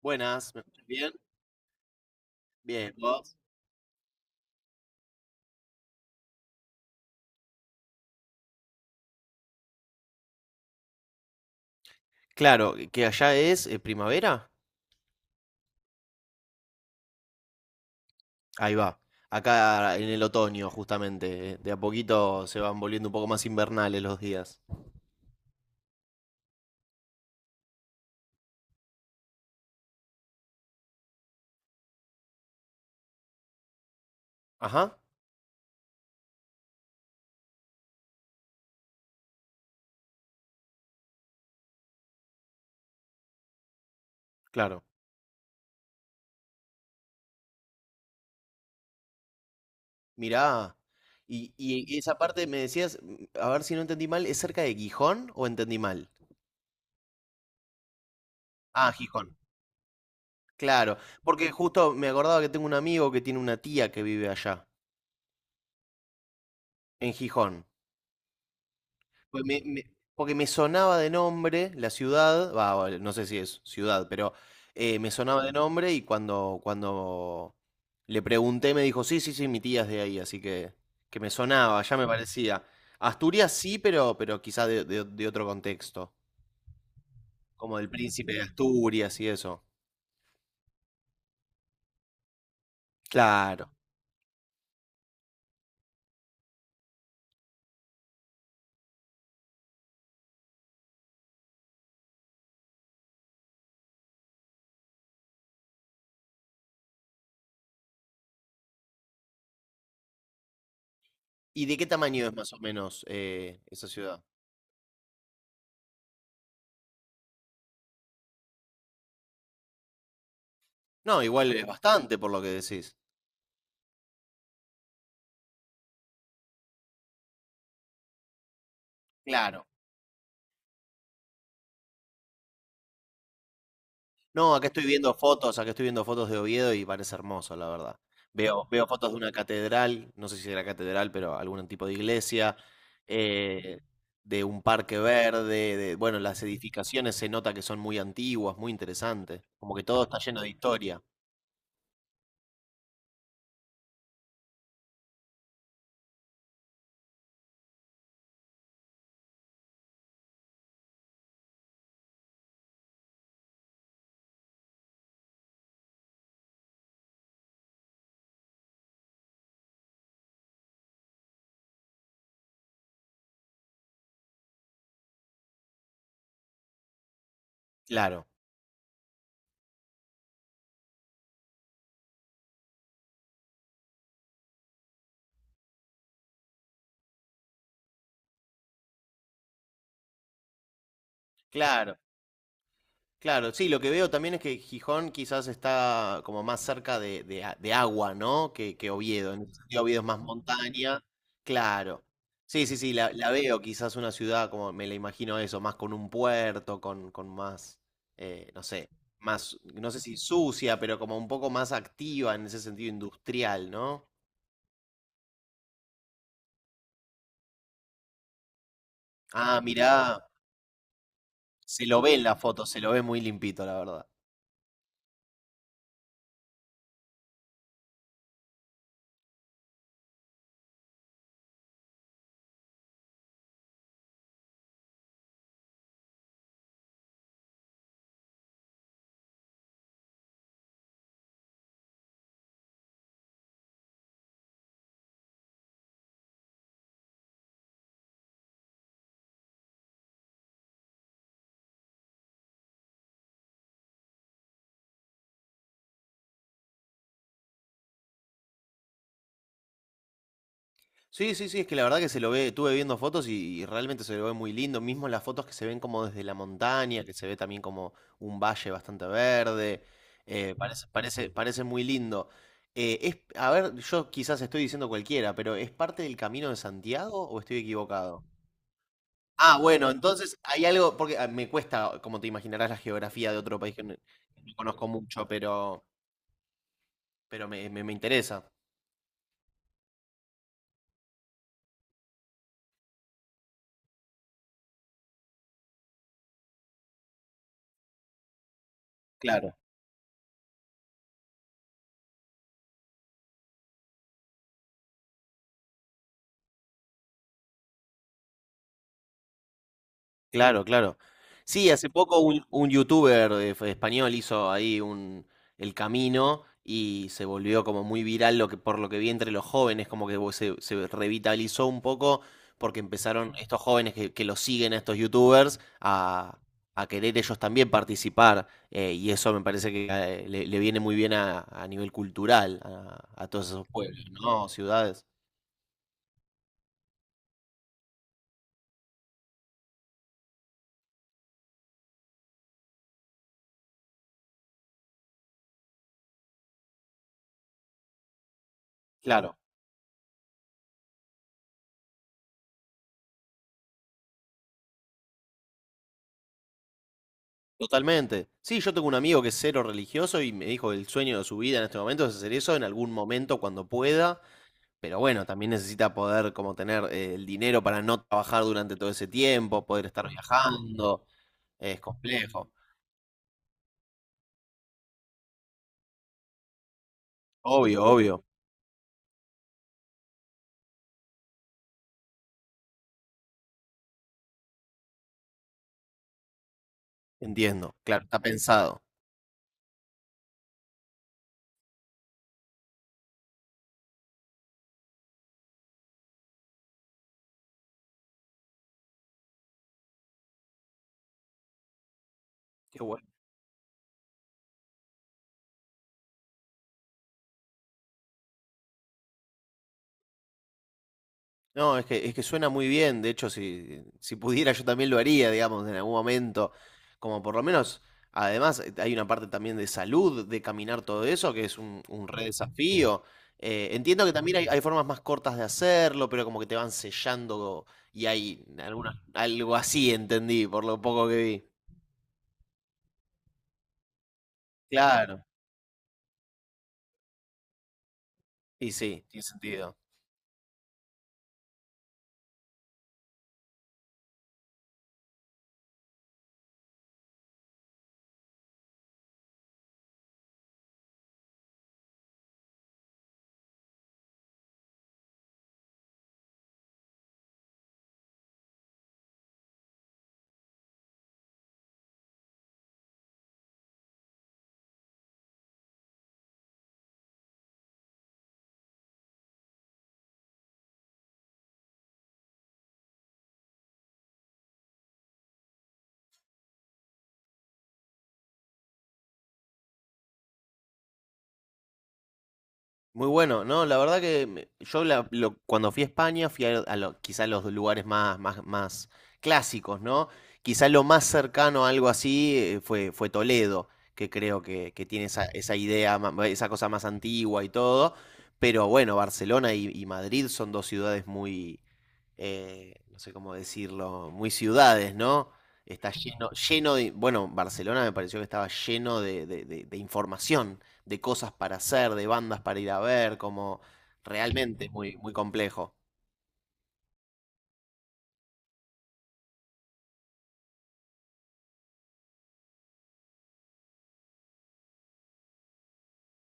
Buenas, ¿me escuchas bien? Bien, ¿vos? Claro, que allá es primavera. Ahí va. Acá en el otoño, justamente. De a poquito se van volviendo un poco más invernales los días. Ajá, claro. Mirá. Y esa parte me decías, a ver si no entendí mal, ¿es cerca de Gijón o entendí mal? Ah, Gijón. Claro, porque justo me acordaba que tengo un amigo que tiene una tía que vive allá, en Gijón. Pues me- me- Porque me sonaba de nombre la ciudad, va, no sé si es ciudad, pero me sonaba de nombre y cuando le pregunté me dijo, sí, sí, sí, mi tía es de ahí, así que me sonaba, ya me parecía. Asturias sí, pero quizá de otro contexto, como del príncipe de Asturias y eso. Claro. ¿Y de qué tamaño es más o menos esa ciudad? No, igual es bastante por lo que decís. Claro. No, acá estoy viendo fotos de Oviedo y parece hermoso, la verdad. Veo fotos de una catedral, no sé si era catedral, pero algún tipo de iglesia, eh, de un parque verde, de, bueno, las edificaciones se nota que son muy antiguas, muy interesantes, como que todo está lleno de historia. Claro, claro. Claro, sí, lo que veo también es que Gijón quizás está como más cerca de agua, ¿no? Que Oviedo. En ese sentido, Oviedo es más montaña. Claro. Sí, sí, sí, la veo quizás una ciudad como me la imagino eso, más con un puerto, con más, no sé, más, no sé si sucia, pero como un poco más activa en ese sentido industrial, ¿no? Ah, mirá, se lo ve en la foto, se lo ve muy limpito, la verdad. Sí, sí, sí, es que la verdad que se lo ve, estuve viendo fotos y realmente se lo ve muy lindo, mismo las fotos que se ven como desde la montaña, que se ve también como un valle bastante verde, parece, parece, parece muy lindo. Es, a ver, yo quizás estoy diciendo cualquiera, pero ¿es parte del Camino de Santiago o estoy equivocado? Ah, bueno, entonces hay algo, porque ah, me cuesta, como te imaginarás, la geografía de otro país que no conozco mucho, pero me interesa. Claro. Claro, claro. Sí, hace poco un youtuber fue español hizo ahí un, el camino y se volvió como muy viral lo que, por lo que vi entre los jóvenes, como que se revitalizó un poco porque empezaron estos jóvenes que lo siguen a estos youtubers a querer ellos también participar y eso me parece que le viene muy bien a nivel cultural a todos esos pueblos, ¿no? Ciudades. Totalmente. Sí, yo tengo un amigo que es cero religioso y me dijo que el sueño de su vida en este momento es hacer eso en algún momento cuando pueda, pero bueno, también necesita poder como tener el dinero para no trabajar durante todo ese tiempo, poder estar viajando, es complejo. Obvio, obvio, entiendo, claro, está pensado. Qué bueno. No, es que suena muy bien. De hecho, si pudiera, yo también lo haría, digamos, en algún momento. Como por lo menos, además, hay una parte también de salud, de caminar todo eso, que es un re desafío. Entiendo que también hay formas más cortas de hacerlo, pero como que te van sellando y hay alguna, algo así, entendí, por lo poco que vi. Claro, y sí, tiene sentido. Muy bueno, no, la verdad que cuando fui a España fui a, quizá los lugares más, más, más clásicos, ¿no? Quizá lo más cercano a algo así fue, fue Toledo, que creo que tiene esa, esa idea, esa cosa más antigua y todo, pero bueno, Barcelona y Madrid son dos ciudades muy, no sé cómo decirlo, muy ciudades, ¿no? Está lleno, lleno de, bueno, Barcelona me pareció que estaba lleno de, información, de cosas para hacer, de bandas para ir a ver, como realmente muy, muy complejo.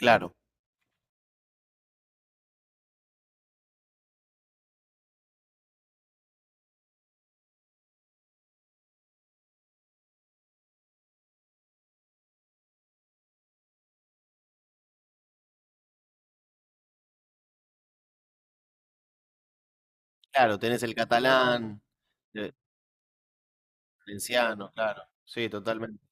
Claro, claro, tenés el catalán, el valenciano, claro. Sí, totalmente.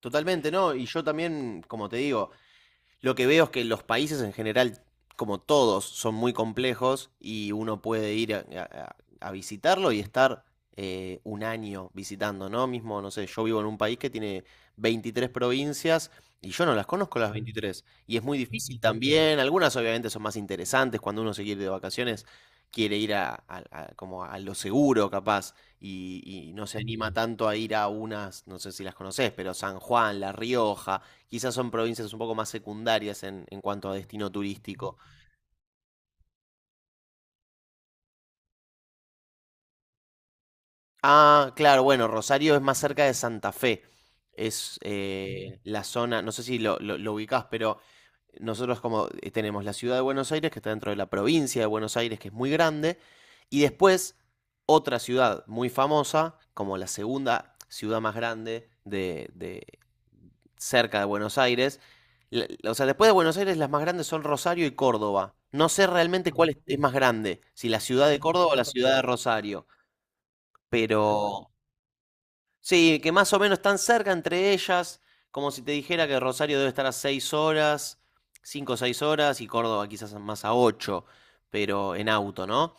Totalmente, ¿no? Y yo también, como te digo, lo que veo es que los países en general, como todos, son muy complejos y uno puede ir a visitarlo y estar un año visitando, ¿no? Mismo, no sé, yo vivo en un país que tiene 23 provincias y yo no las conozco las 23. Y es muy difícil también, algunas obviamente son más interesantes cuando uno se quiere ir de vacaciones, quiere ir como a lo seguro capaz y no se anima tanto a ir a unas, no sé si las conoces, pero San Juan, La Rioja quizás son provincias un poco más secundarias en cuanto a destino turístico. Ah, claro, bueno, Rosario es más cerca de Santa Fe. Es la zona, no sé si lo ubicás, pero nosotros como tenemos la ciudad de Buenos Aires, que está dentro de la provincia de Buenos Aires, que es muy grande, y después otra ciudad muy famosa, como la segunda ciudad más grande cerca de Buenos Aires. O sea, después de Buenos Aires, las más grandes son Rosario y Córdoba. No sé realmente cuál es más grande, si la ciudad de Córdoba o la ciudad de Rosario, pero... Sí, que más o menos están cerca entre ellas, como si te dijera que Rosario debe estar a 6 horas, 5 o 6 horas, y Córdoba quizás más a 8, pero en auto, ¿no?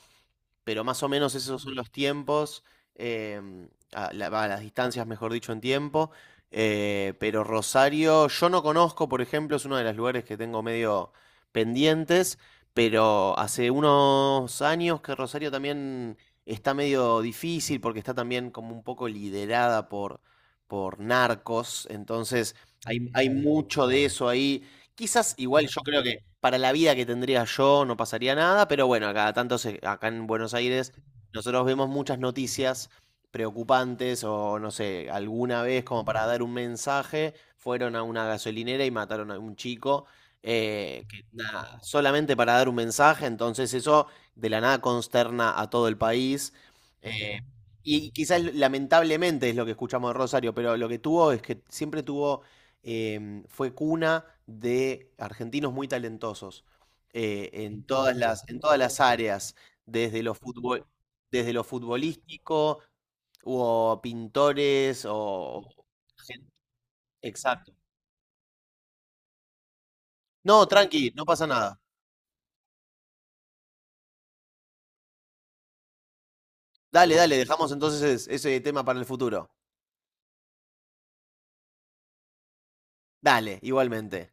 Pero más o menos esos son los tiempos, las distancias, mejor dicho, en tiempo. Pero Rosario, yo no conozco, por ejemplo, es uno de los lugares que tengo medio pendientes, pero hace unos años que Rosario también está medio difícil porque está también como un poco liderada por narcos, entonces hay mucho de eso ahí. Quizás igual yo creo que para la vida que tendría yo no pasaría nada, pero bueno, a cada tanto acá en Buenos Aires nosotros vemos muchas noticias preocupantes o no sé, alguna vez como para dar un mensaje, fueron a una gasolinera y mataron a un chico, que nada, solamente para dar un mensaje, entonces eso de la nada consterna a todo el país. eh, y quizás lamentablemente es lo que escuchamos de Rosario, pero lo que tuvo es que siempre tuvo fue cuna de argentinos muy talentosos en todas las áreas, desde lo futbol- desde lo futbolístico, hubo pintores o... gen- Exacto. No, tranqui, no pasa nada. Dale, dale, dejamos entonces ese tema para el futuro. Dale, igualmente.